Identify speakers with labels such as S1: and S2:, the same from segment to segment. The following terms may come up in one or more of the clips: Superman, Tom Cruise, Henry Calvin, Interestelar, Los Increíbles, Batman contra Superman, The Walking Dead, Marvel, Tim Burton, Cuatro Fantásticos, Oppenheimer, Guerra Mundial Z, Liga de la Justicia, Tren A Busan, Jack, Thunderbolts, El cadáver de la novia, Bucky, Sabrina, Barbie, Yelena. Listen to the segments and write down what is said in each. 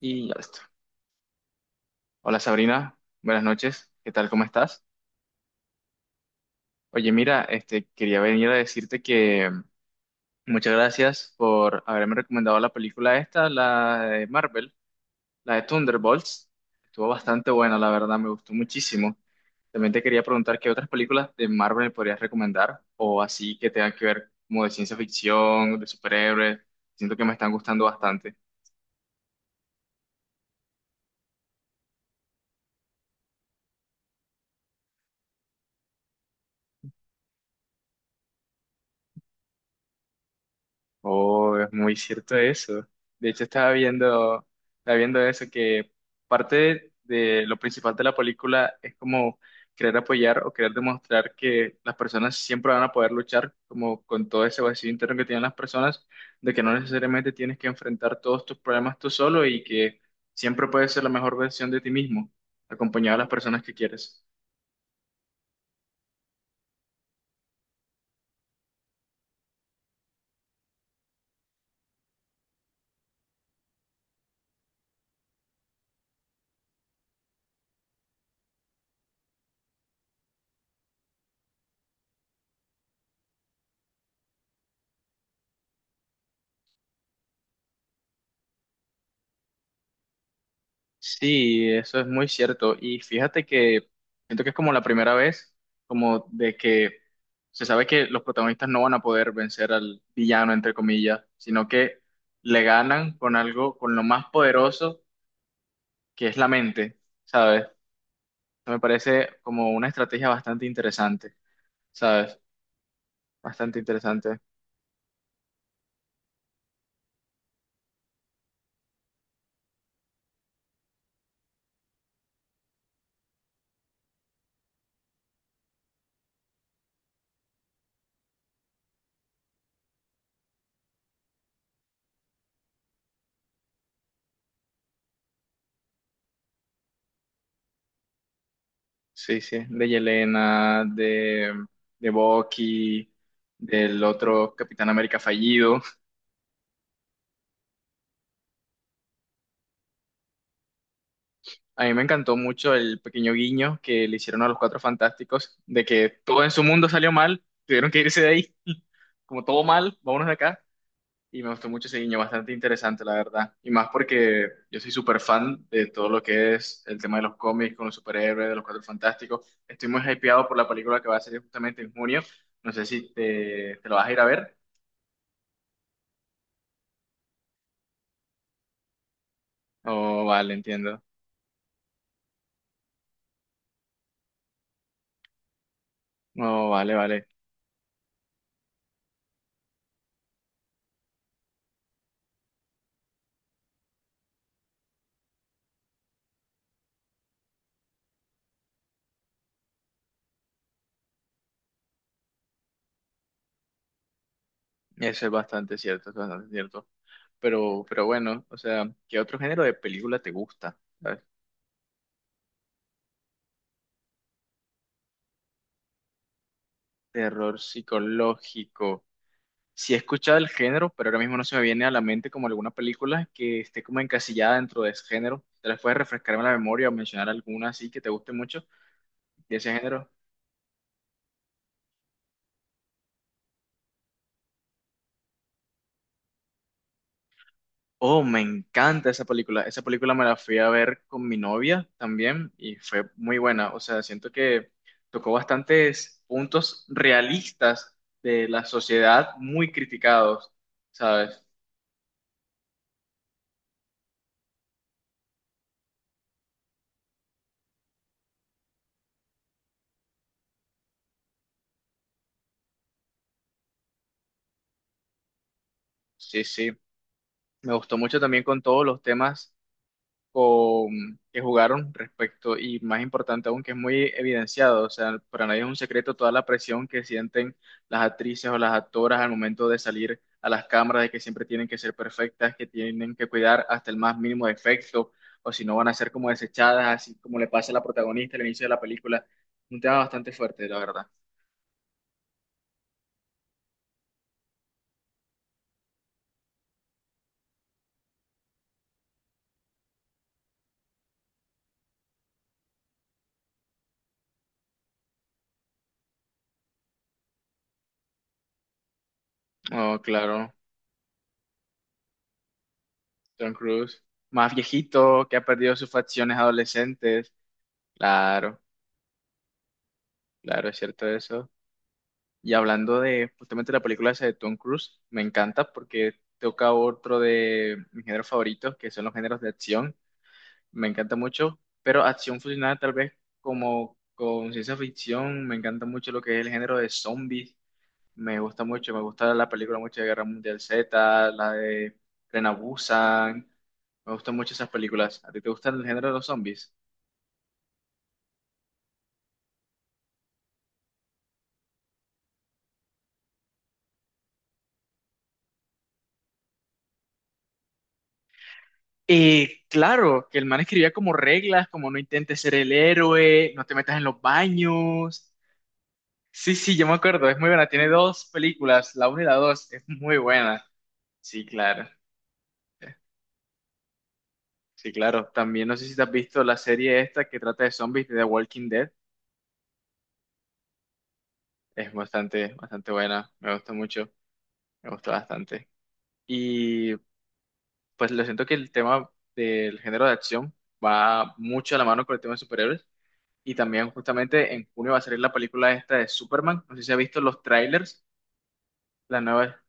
S1: Y ya listo. Hola Sabrina, buenas noches, ¿qué tal? ¿Cómo estás? Oye, mira, quería venir a decirte que muchas gracias por haberme recomendado la película esta, la de Marvel, la de Thunderbolts. Estuvo bastante buena, la verdad, me gustó muchísimo. También te quería preguntar qué otras películas de Marvel me podrías recomendar o así que tengan que ver como de ciencia ficción, de superhéroes. Siento que me están gustando bastante. Oh, es muy cierto eso. De hecho, estaba viendo eso, que parte de lo principal de la película es como querer apoyar o querer demostrar que las personas siempre van a poder luchar como con todo ese vacío interno que tienen las personas, de que no necesariamente tienes que enfrentar todos tus problemas tú solo y que siempre puedes ser la mejor versión de ti mismo, acompañado de las personas que quieres. Sí, eso es muy cierto. Y fíjate que siento que es como la primera vez, como de que se sabe que los protagonistas no van a poder vencer al villano, entre comillas, sino que le ganan con algo, con lo más poderoso que es la mente, ¿sabes? Eso me parece como una estrategia bastante interesante, ¿sabes? Bastante interesante. Sí, sí, de Yelena, de Bucky, del otro Capitán América fallido. A mí me encantó mucho el pequeño guiño que le hicieron a los Cuatro Fantásticos, de que todo en su mundo salió mal, tuvieron que irse de ahí, como todo mal, vámonos de acá. Y me gustó mucho ese guiño, bastante interesante, la verdad. Y más porque yo soy súper fan de todo lo que es el tema de los cómics con los superhéroes, de los Cuatro Fantásticos. Estoy muy hypeado por la película que va a salir justamente en junio. No sé si te lo vas a ir a ver. Oh, vale, entiendo. Oh, vale, vale. Eso es bastante cierto, es bastante cierto. Pero bueno, o sea, ¿qué otro género de película te gusta? ¿Sabes? Terror psicológico. Sí he escuchado el género, pero ahora mismo no se me viene a la mente como alguna película que esté como encasillada dentro de ese género. ¿Te las puedes refrescar en la memoria o mencionar alguna así que te guste mucho de ese género? Oh, me encanta esa película. Esa película me la fui a ver con mi novia también y fue muy buena. O sea, siento que tocó bastantes puntos realistas de la sociedad muy criticados, ¿sabes? Sí, sí. Me gustó mucho también con todos los temas, con, que jugaron respecto, y más importante aún, que es muy evidenciado, o sea, para nadie es un secreto toda la presión que sienten las actrices o las actoras al momento de salir a las cámaras, de que siempre tienen que ser perfectas, que tienen que cuidar hasta el más mínimo defecto, o si no van a ser como desechadas, así como le pasa a la protagonista al inicio de la película. Un tema bastante fuerte, la verdad. Oh, claro, Tom Cruise, más viejito, que ha perdido sus facciones adolescentes. Claro, claro, es cierto eso. Y hablando de justamente la película esa de Tom Cruise, me encanta porque toca otro de mis géneros favoritos, que son los géneros de acción. Me encanta mucho, pero acción fusionada tal vez como con ciencia ficción. Me encanta mucho lo que es el género de zombies. Me gusta mucho, me gusta la película mucho de Guerra Mundial Z, la de Tren A Busan. Me gustan mucho esas películas. ¿A ti te gustan el género de los zombies? Claro, que el man escribía como reglas, como no intentes ser el héroe, no te metas en los baños. Sí, sí, yo me acuerdo, es muy buena. Tiene dos películas, la una y la dos, es muy buena. Sí, claro, sí, claro. También no sé si te has visto la serie esta que trata de zombies de The Walking Dead. Es bastante, bastante buena, me gusta mucho, me gusta bastante. Y pues lo siento que el tema del género de acción va mucho a la mano con el tema de superhéroes. Y también justamente en junio va a salir la película esta de Superman. No sé si ha visto los trailers. La nueva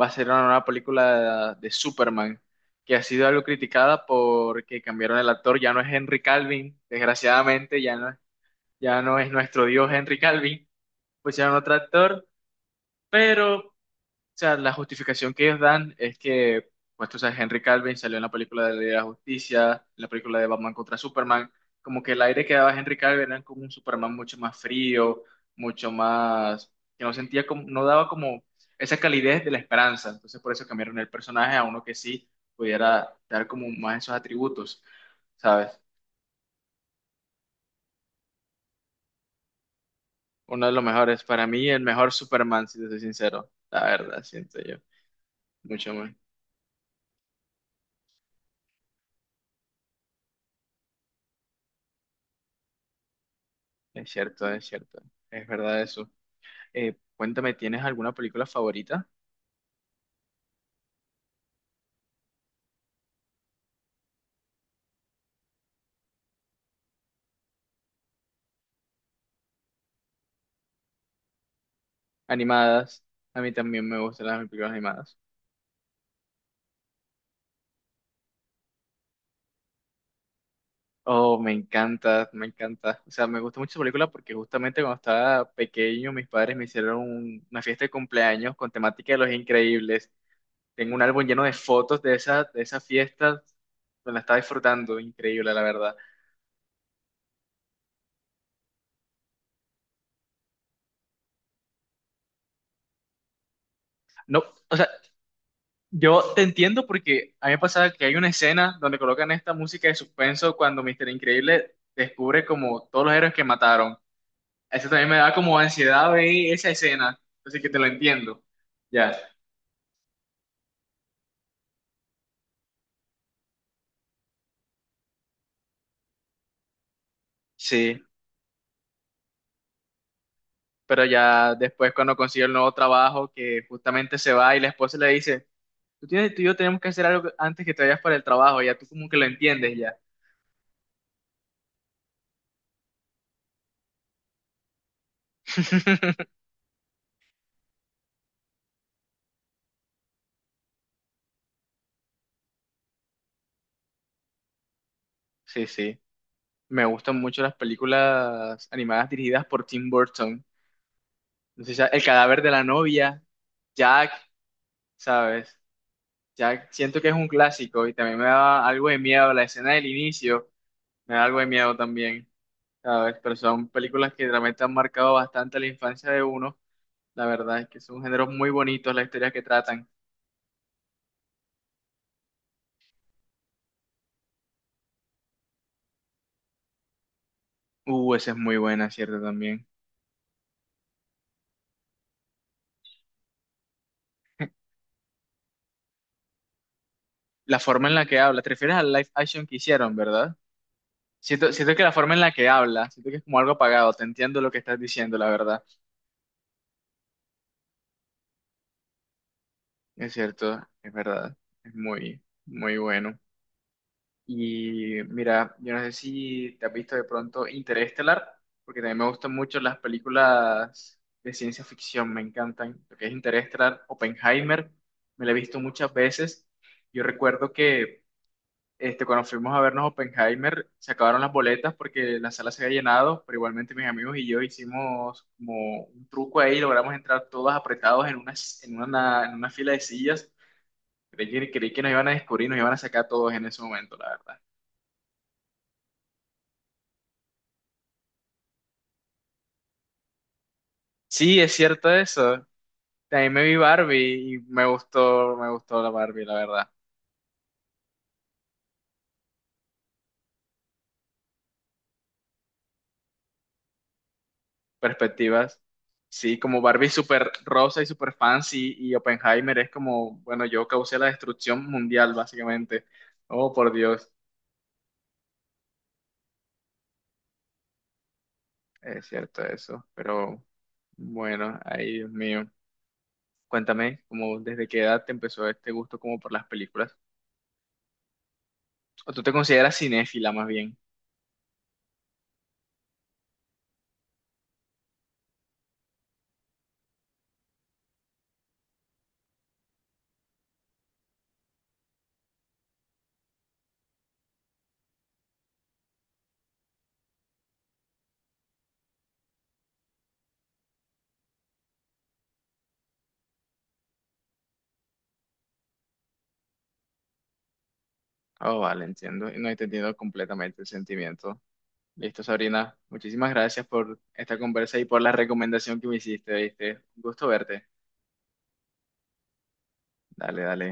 S1: va a ser una nueva película de Superman que ha sido algo criticada porque cambiaron el actor. Ya no es Henry Calvin, desgraciadamente ya no, ya no es nuestro dios Henry Calvin. Pusieron otro actor, pero, o sea, la justificación que ellos dan es que, pues tú sabes, Henry Calvin salió en la película de la Liga de la Justicia, en la película de Batman contra Superman, como que el aire que daba Henry Calvin era como un Superman mucho más frío, mucho más, que no sentía como, no daba como esa calidez de la esperanza. Entonces por eso cambiaron el personaje a uno que sí pudiera dar como más esos atributos, ¿sabes? Uno de los mejores, para mí el mejor Superman, si te soy sincero, la verdad, siento yo, mucho más. Es cierto, es cierto, es verdad eso. Cuéntame, ¿tienes alguna película favorita? Animadas. A mí también me gustan las películas animadas. Oh, me encanta, me encanta. O sea, me gusta mucho esa película porque justamente cuando estaba pequeño mis padres me hicieron una fiesta de cumpleaños con temática de Los Increíbles. Tengo un álbum lleno de fotos de esa fiesta. Me la estaba disfrutando, increíble, la verdad. No, o sea, yo te entiendo porque a mí me pasaba que hay una escena donde colocan esta música de suspenso cuando Mister Increíble descubre como todos los héroes que mataron. Eso también me da como ansiedad ver esa escena, así que te lo entiendo. Ya, sí, pero ya después cuando consigue el nuevo trabajo, que justamente se va y la esposa le dice, tú tienes, tú y yo tenemos que hacer algo antes que te vayas para el trabajo, ya tú como que lo entiendes ya. Sí, sí, me gustan mucho las películas animadas dirigidas por Tim Burton. No sé, El cadáver de la novia, Jack, ¿sabes? Jack, siento que es un clásico y también me da algo de miedo la escena del inicio, me da algo de miedo también. ¿Sabes? Pero son películas que realmente han marcado bastante la infancia de uno. La verdad es que son géneros muy bonitos las historias que tratan. Esa es muy buena, ¿cierto? También. La forma en la que habla, te refieres al live action que hicieron, ¿verdad? Siento, siento que la forma en la que habla, siento que es como algo apagado, te entiendo lo que estás diciendo, la verdad. Es cierto, es verdad, es muy, muy bueno. Y mira, yo no sé si te has visto de pronto Interestelar, porque también me gustan mucho las películas de ciencia ficción, me encantan. Lo que es Interestelar, Oppenheimer, me la he visto muchas veces. Yo recuerdo que cuando fuimos a vernos Oppenheimer, se acabaron las boletas porque la sala se había llenado, pero igualmente mis amigos y yo hicimos como un truco ahí, logramos entrar todos apretados en una, en una, en una fila de sillas. Creí que nos iban a descubrir, nos iban a sacar a todos en ese momento, la verdad. Sí, es cierto eso. También me vi Barbie y me gustó la Barbie, la verdad. Perspectivas. Sí, como Barbie súper rosa y súper fancy y Oppenheimer es como, bueno, yo causé la destrucción mundial, básicamente. Oh, por Dios. Es cierto eso. Pero bueno, ay, Dios mío. Cuéntame, ¿como desde qué edad te empezó este gusto como por las películas? ¿O tú te consideras cinéfila más bien? Oh, vale, entiendo. Y no he entendido completamente el sentimiento. Listo, Sabrina. Muchísimas gracias por esta conversa y por la recomendación que me hiciste, ¿viste? Un gusto verte. Dale, dale.